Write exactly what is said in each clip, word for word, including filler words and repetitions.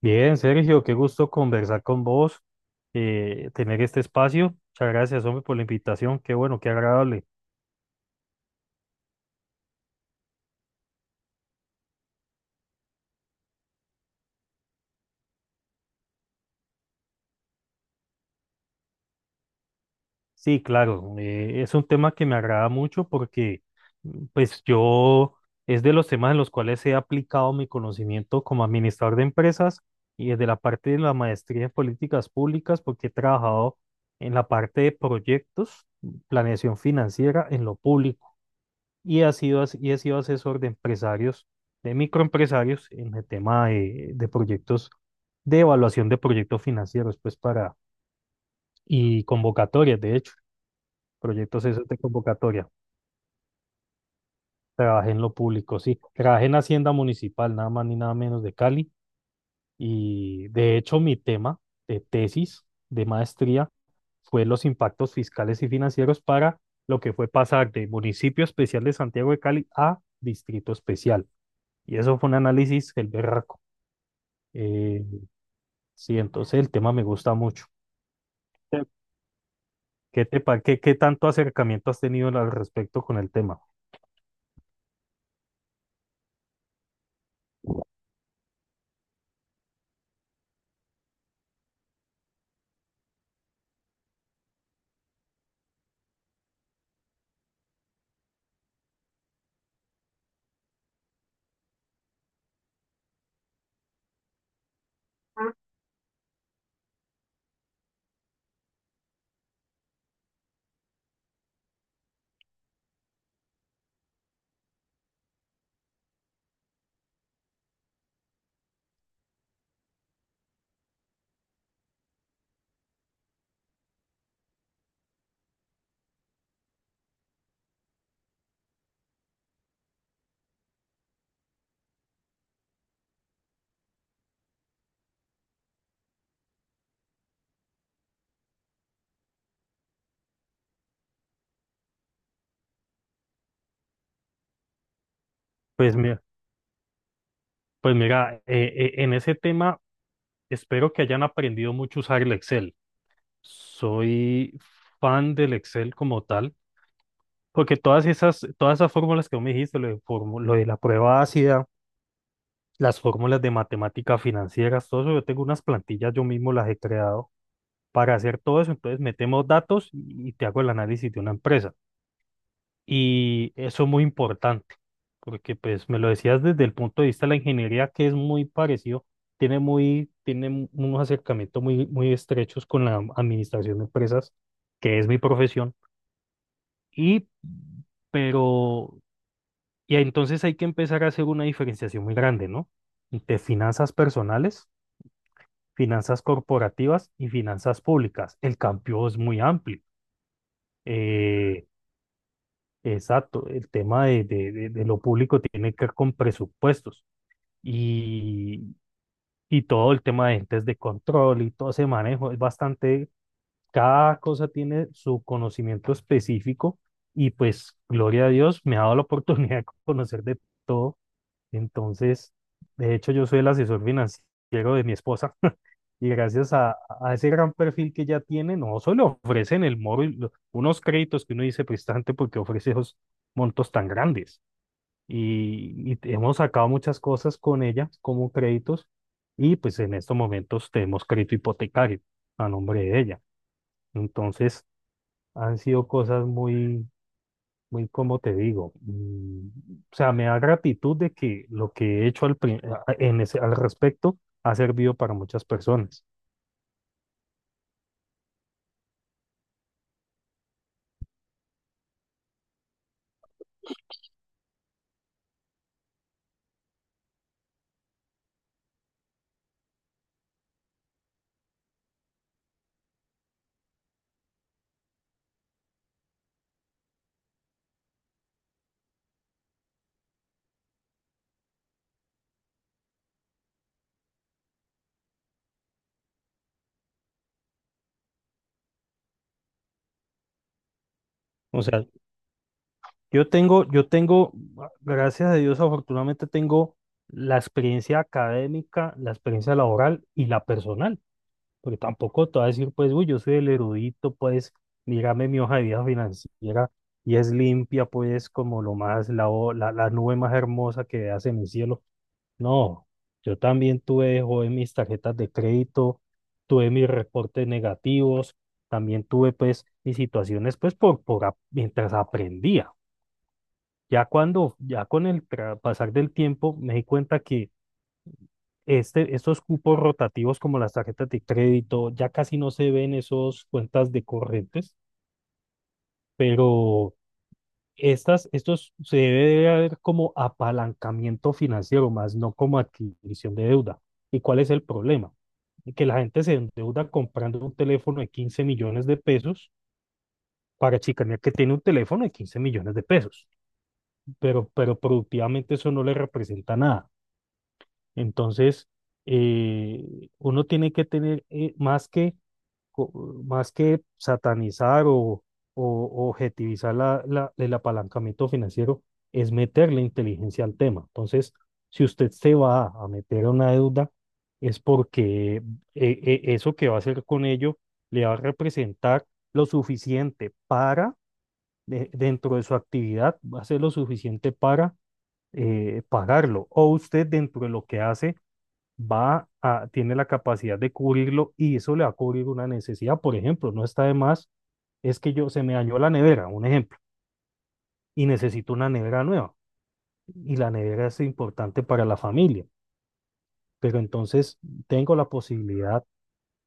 Bien, Sergio, qué gusto conversar con vos, eh, tener este espacio. Muchas gracias, hombre, por la invitación. Qué bueno, qué agradable. Sí, claro, eh, es un tema que me agrada mucho porque, pues, yo es de los temas en los cuales he aplicado mi conocimiento como administrador de empresas y desde la parte de la maestría en políticas públicas, porque he trabajado en la parte de proyectos, planeación financiera en lo público. y ha sido, as- y he sido asesor de empresarios, de microempresarios en el tema de, de proyectos, de evaluación de proyectos financieros, pues para, y convocatorias, de hecho, proyectos esos de convocatoria. Trabajé en lo público, sí. Trabajé en Hacienda Municipal, nada más ni nada menos de Cali. Y de hecho, mi tema de tesis, de maestría, fue los impactos fiscales y financieros para lo que fue pasar de municipio especial de Santiago de Cali a distrito especial. Y eso fue un análisis el berraco. Eh, sí, entonces el tema me gusta mucho. ¿Qué te pa- qué, qué tanto acercamiento has tenido al respecto con el tema? Pues mira, pues mira, eh, eh, en ese tema espero que hayan aprendido mucho a usar el Excel. Soy fan del Excel como tal, porque todas esas, todas esas fórmulas que vos me dijiste, lo de, formu- lo de la prueba ácida, las fórmulas de matemática financiera, todo eso, yo tengo unas plantillas, yo mismo las he creado Para hacer todo eso, entonces metemos datos y te hago el análisis de una empresa. Y eso es muy importante, porque pues me lo decías desde el punto de vista de la ingeniería, que es muy parecido, tiene muy, tiene un- unos acercamientos muy, muy estrechos con la administración de empresas, que es mi profesión. Y, pero, y entonces hay que empezar a hacer una diferenciación muy grande, ¿no? Entre finanzas personales, finanzas corporativas y finanzas públicas. El campo es muy amplio. Eh, Exacto, el tema de, de- de- de lo público tiene que ver con presupuestos y, y todo el tema de entes de control y todo ese manejo es bastante, cada cosa tiene su conocimiento específico y pues gloria a Dios me ha dado la oportunidad de conocer de todo entonces, de hecho, yo soy el asesor financiero de mi esposa y gracias a, a ese gran perfil que ella tiene, no solo ofrecen el móvil lo- unos créditos que uno dice prestante porque ofrece esos montos tan grandes. Y, y te- hemos sacado muchas cosas con ella como créditos y pues en estos momentos tenemos crédito hipotecario a nombre de ella. Entonces, han sido cosas muy, muy como te digo, mm, o sea, me da gratitud de que lo que he hecho al, pri- a- en ese- al respecto ha servido para muchas personas. O sea, yo tengo, yo tengo, ah, gracias a Dios, afortunadamente tengo la experiencia académica, la experiencia laboral y la personal, porque tampoco te voy a decir, pues, uy, yo soy el erudito, pues, mírame mi hoja de vida financiera y es limpia, pues, como lo más, la, ho- la, la nube más hermosa que veas en el cielo. No, yo también tuve de joven mis tarjetas de crédito, tuve mis reportes negativos, también tuve pues mis situaciones pues por, por ap- mientras aprendía. Ya cuando, ya con el tra- pasar del tiempo me di cuenta que este, estos cupos rotativos como las tarjetas de crédito ya casi no se ven esos cuentas de corrientes, pero Estas, estos se debe ver como apalancamiento financiero, más no como adquisición de deuda. ¿Y cuál es el problema? Que la gente se endeuda comprando un teléfono de quince millones de pesos para chicanear que tiene un teléfono de quince millones de pesos, pero, pero productivamente eso no le representa nada. Entonces, eh, uno tiene que tener eh, más que co- más que satanizar o, o objetivizar la- la- el apalancamiento financiero, es meterle inteligencia al tema. Entonces, si usted se va a meter a una deuda, es porque eh, eh, eso que va a hacer con ello le va a representar lo suficiente para, de- dentro de su actividad, va a ser lo suficiente para eh, pagarlo. O usted dentro de lo que hace va a, tiene la capacidad de cubrirlo y eso le va a cubrir una necesidad. Por ejemplo, no está de más, es que yo se me dañó la nevera, un ejemplo, y necesito una nevera nueva. Y la nevera es importante para la familia, pero entonces tengo la posibilidad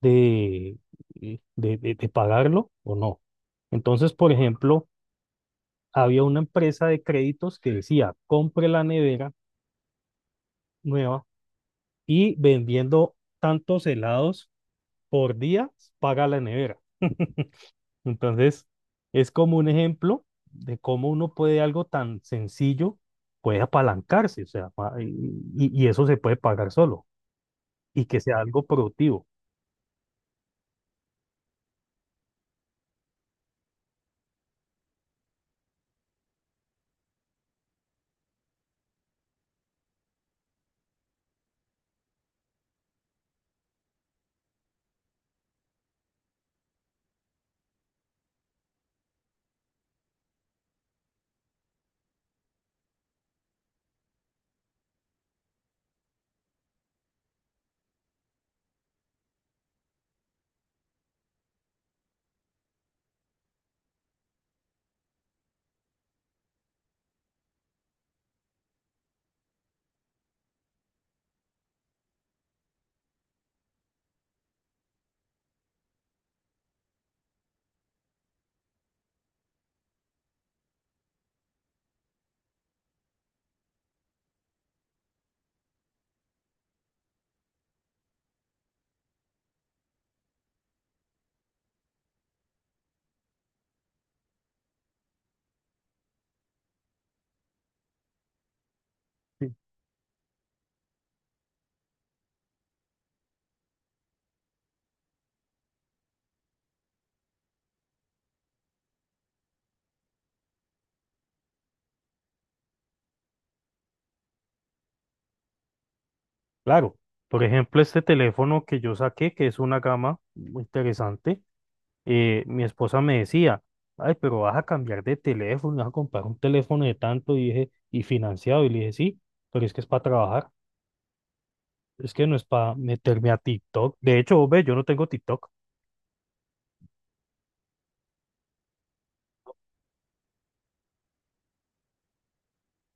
de, eh, de, de- de pagarlo o no. Entonces, por ejemplo, había una empresa de créditos que decía, compre la nevera nueva y vendiendo tantos helados por día, paga la nevera. Entonces, es como un ejemplo de cómo uno puede algo tan sencillo, puede apalancarse, o sea, pa- y, y- y eso se puede pagar solo y que sea algo productivo. Sí. Claro, por ejemplo, este teléfono que yo saqué, que es una gama muy interesante, eh, mi esposa me decía, ay, pero vas a cambiar de teléfono, vas a comprar un teléfono de tanto, y dije, y financiado, y le dije, sí, pero es que es para trabajar, es que no es para meterme a TikTok. De hecho, ve, yo no tengo TikTok.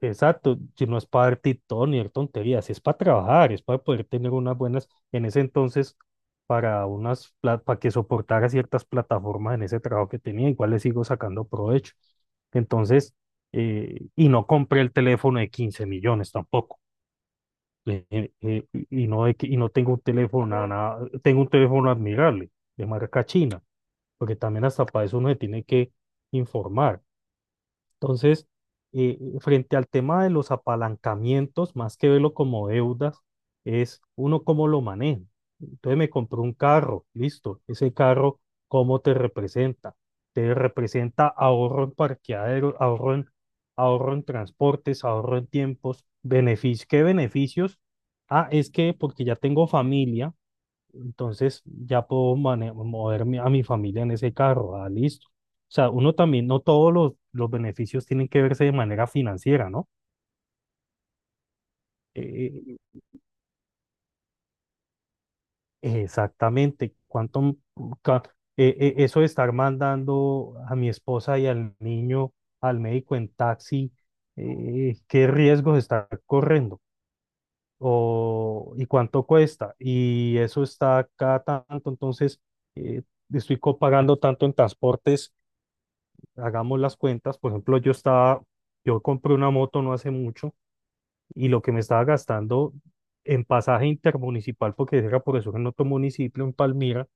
Exacto, si no es para ver TikTok ni ver tonterías, si es para trabajar, es para poder tener unas buenas, en ese entonces, para unas, para que soportara ciertas plataformas en ese trabajo que tenía, igual le sigo sacando provecho. Entonces, eh, y no compré el teléfono de quince millones tampoco, eh, eh, eh, y y no, de que- y no tengo un teléfono, nada, nada, tengo un teléfono admirable, de marca china, porque también hasta para eso uno se tiene que informar. Entonces, eh, frente al tema de los apalancamientos, más que verlo como deudas, es uno cómo lo maneja. Entonces me compró un carro, listo. Ese carro, ¿cómo te representa? Te representa ahorro en parqueadero, ahorro en, ahorro en transportes, ahorro en tiempos, beneficios. ¿Qué beneficios? Ah, es que porque ya tengo familia, entonces ya puedo mane- moverme a mi familia en ese carro, ah, listo. O sea, uno también, no todos los, los beneficios tienen que verse de manera financiera, ¿no? Eh, exactamente, cuánto, m- ca- eh, eh, eso de estar mandando a mi esposa y al niño al médico en taxi, eh, qué riesgos está corriendo o, y cuánto cuesta, y eso está cada tanto, entonces eh, estoy co- pagando tanto en transportes hagamos las cuentas, por ejemplo, yo estaba, yo compré una moto no hace mucho y lo que me estaba gastando en pasaje intermunicipal, porque era profesor en otro municipio, en Palmira,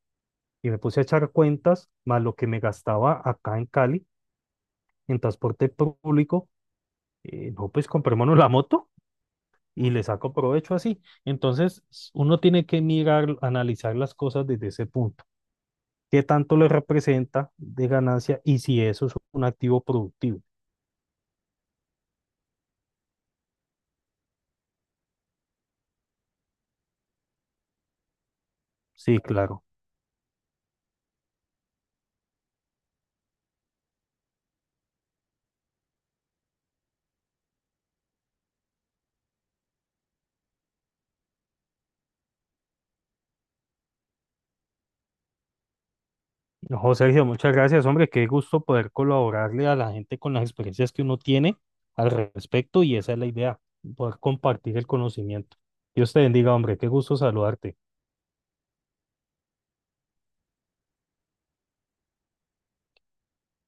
y me puse a echar cuentas, más lo que me gastaba acá en Cali, en transporte público, eh, no, pues comprémonos la moto y le saco provecho así. Entonces, s- uno tiene que mirar, analizar las cosas desde ese punto. ¿Qué tanto le representa de ganancia y si eso es un activo productivo? Sí, claro. Ojo, Sergio, muchas gracias, hombre. Qué gusto poder colaborarle a la gente con las experiencias que uno tiene al respecto y esa es la idea, poder compartir el conocimiento. Dios te bendiga, hombre. Qué gusto saludarte.